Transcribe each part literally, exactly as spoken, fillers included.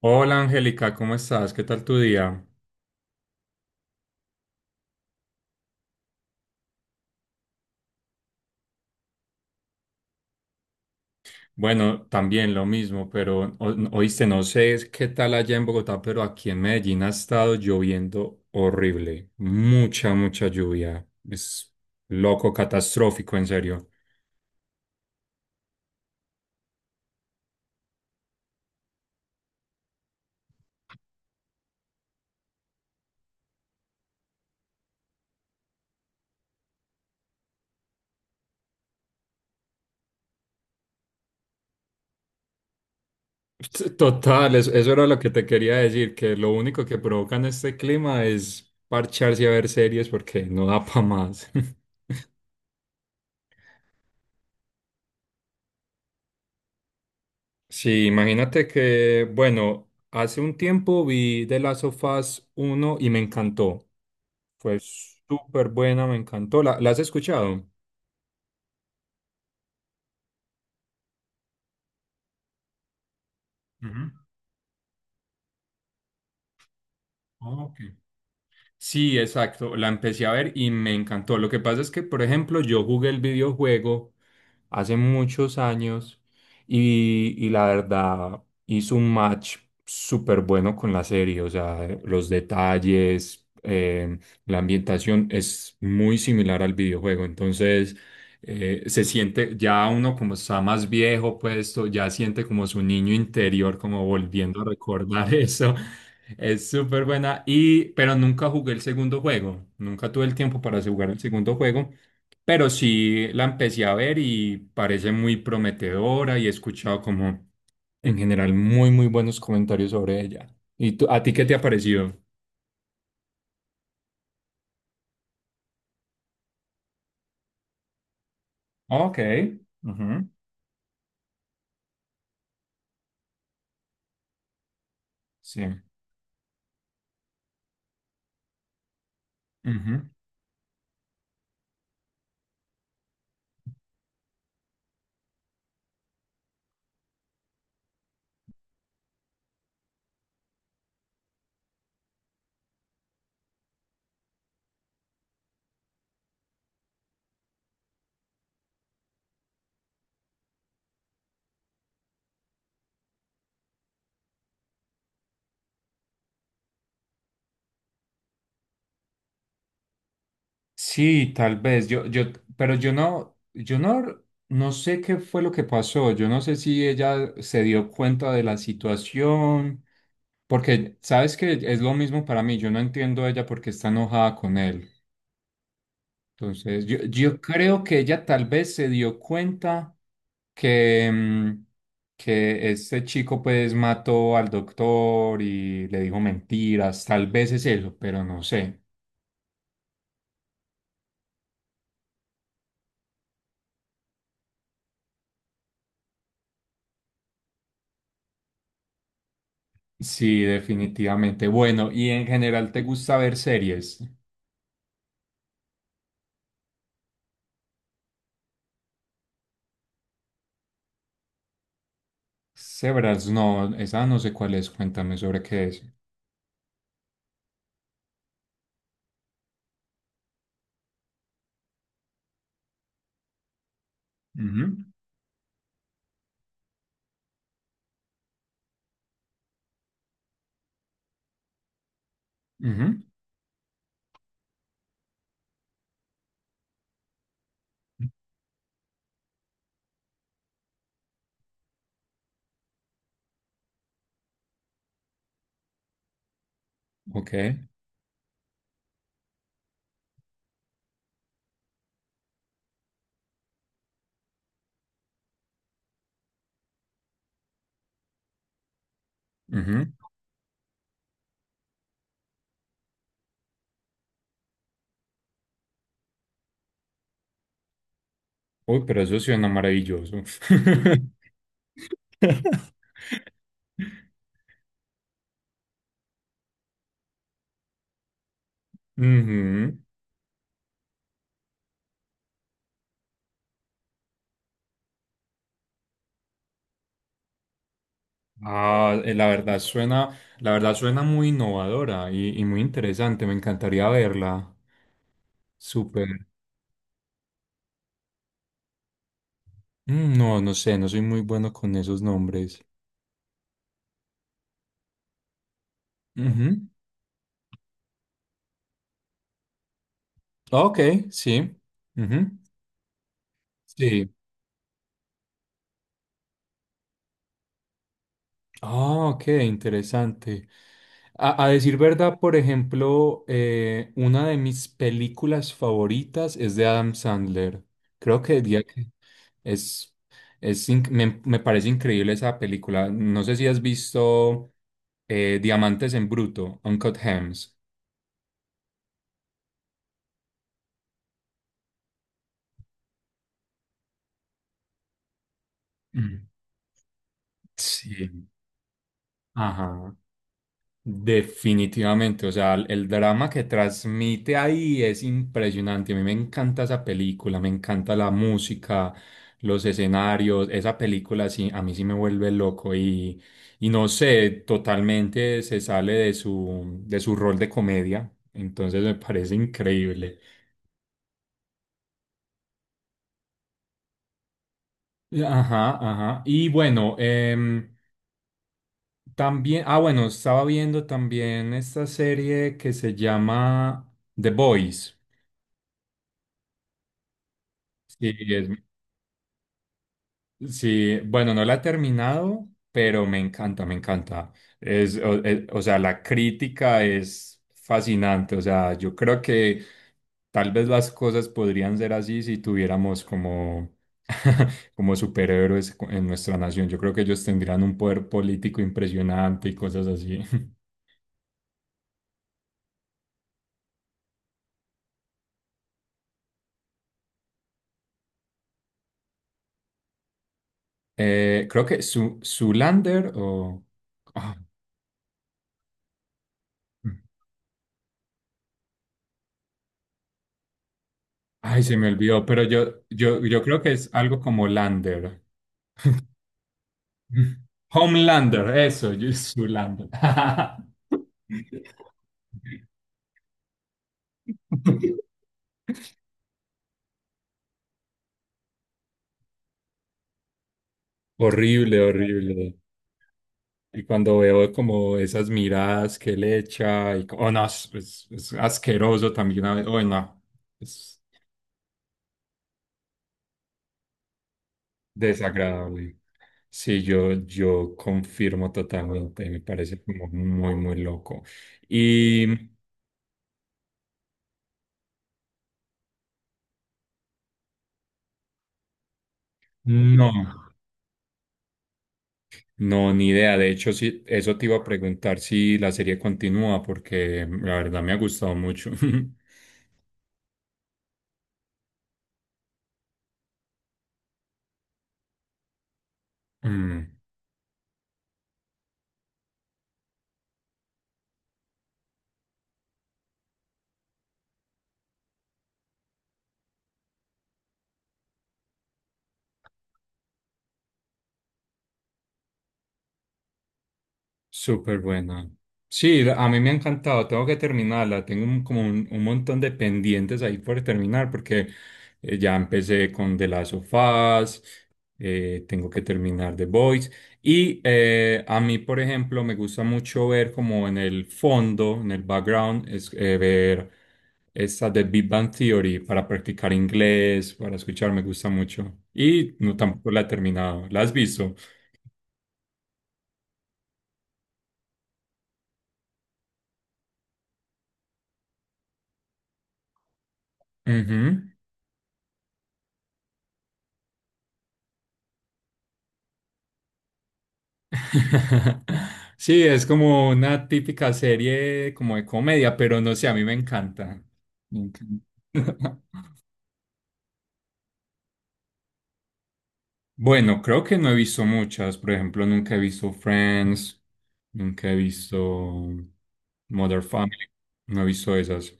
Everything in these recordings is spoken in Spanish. Hola Angélica, ¿cómo estás? ¿Qué tal tu día? Bueno, también lo mismo, pero o- oíste, no sé qué tal allá en Bogotá, pero aquí en Medellín ha estado lloviendo horrible. Mucha, mucha lluvia. Es loco, catastrófico, en serio. T- Total, eso, eso era lo que te quería decir, que lo único que provocan este clima es parcharse a ver series porque no da para más. Sí, imagínate que, bueno, hace un tiempo vi The Last of Us uno y me encantó. Fue súper buena, me encantó. ¿La, la has escuchado? Ujú. Ah, ok. Sí, exacto, la empecé a ver y me encantó. Lo que pasa es que, por ejemplo, yo jugué el videojuego hace muchos años y, y la verdad hizo un match súper bueno con la serie. O sea, eh, los detalles, eh, la ambientación es muy similar al videojuego. Entonces, eh, se siente ya uno como está más viejo puesto, ya siente como su niño interior, como volviendo a recordar eso. Es súper buena y pero nunca jugué el segundo juego, nunca tuve el tiempo para jugar el segundo juego, pero sí la empecé a ver y parece muy prometedora y he escuchado como en general muy muy buenos comentarios sobre ella. ¿Y tú, a ti qué te ha parecido? Ok. Ujú. Sí. Ujú. Sí, tal vez. Yo, yo, pero yo no, yo no, no sé qué fue lo que pasó. Yo no sé si ella se dio cuenta de la situación. Porque, ¿sabes que es lo mismo para mí? Yo no entiendo a ella porque está enojada con él. Entonces, yo, yo creo que ella tal vez se dio cuenta que, mm, que este chico pues mató al doctor y le dijo mentiras. Tal vez es eso, pero no sé. Sí, definitivamente. Bueno, y en general, ¿te gusta ver series? Severance, no, esa no sé cuál es. Cuéntame sobre qué es. Ujú, ujú. Ok. Ujú. Uy, pero eso suena maravilloso. Ujú. Ah, eh, la verdad suena, la verdad suena muy innovadora y, y muy interesante. Me encantaría verla. Súper. Mm. No, no sé, no soy muy bueno con esos nombres. Ujú. Ok, sí. Ujú. Sí. Ah, ok, interesante. A, a decir verdad, por ejemplo, eh, una de mis películas favoritas es de Adam Sandler. Creo que diría que es, es inc- me, me parece increíble esa película. No sé si has visto eh, Diamantes en Bruto, Uncut Gems. Mm. Sí. Ajá. Definitivamente, o sea, el el drama que transmite ahí es impresionante. A mí me encanta esa película, me encanta la música, los escenarios. Esa película sí, a mí sí me vuelve loco y, y no sé, totalmente se sale de su, de su rol de comedia. Entonces me parece increíble. Ajá, ajá. Y bueno, em, también, ah, bueno, estaba viendo también esta serie que se llama The Boys. Sí, es Sí, bueno, no la he terminado, pero me encanta, me encanta. Es, o, eh, o sea, la crítica es fascinante. O sea, yo creo que tal vez las cosas podrían ser así si tuviéramos como, como superhéroes cu- en nuestra nación. Yo creo que ellos tendrían un poder político impresionante y cosas así. Eh, creo que su Zoolander o, ah, mm, ay, se me olvidó, pero yo, yo, yo creo que es algo como Lander. Homelander, eso, yo Zoolander. Horrible, horrible. Y cuando veo como esas miradas que le echa, y, co- oh no, es, es- es asqueroso también. a ve- Oh no, es desagradable. Sí, yo, yo confirmo totalmente, me parece como muy, muy loco. Y no. No, ni idea. De hecho, sí, eso te iba a preguntar si la serie continúa, porque la verdad me ha gustado mucho. Mm. Súper buena. Sí, la- a mí me ha encantado, tengo que terminarla, tengo un- como un, un montón de pendientes ahí por terminar porque eh, ya empecé con The Last of Us, eh, tengo que terminar The Boys y eh, a mí, por ejemplo, me gusta mucho ver como en el fondo, en el background, es, eh, ver esta de Big Bang Theory para practicar inglés, para escuchar, me gusta mucho. Y no, tampoco la he terminado, ¿la has visto? Ujú. Sí, es como una típica serie como de comedia, pero no sé, a mí me encanta. Me encanta. Bueno, creo que no he visto muchas. Por ejemplo, nunca he visto Friends, nunca he visto Mother Family, no he visto esas.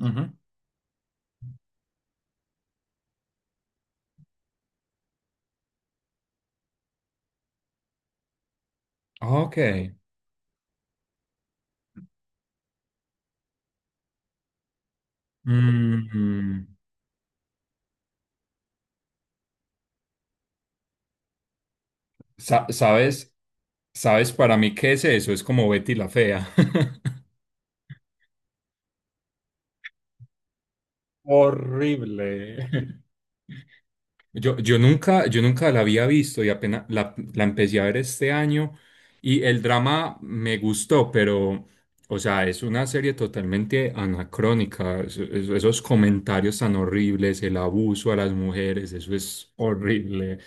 Ujú. Ok. Mm, sa- ¿Sabes? ¿Sabes para mí qué es eso? Es como Betty la Fea. Horrible. Yo, yo nunca, yo nunca la había visto y apenas la, la empecé a ver este año y el drama me gustó, pero, o sea, es una serie totalmente anacrónica. Es- es- esos comentarios tan horribles, el abuso a las mujeres, eso es horrible.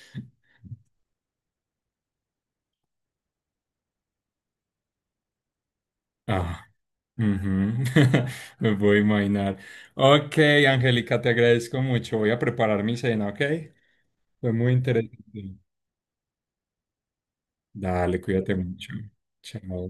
Ah, ujú. Me puedo imaginar. Ok, Angélica, te agradezco mucho. Voy a preparar mi cena, ¿ok? Fue muy interesante. Dale, cuídate mucho. Chao.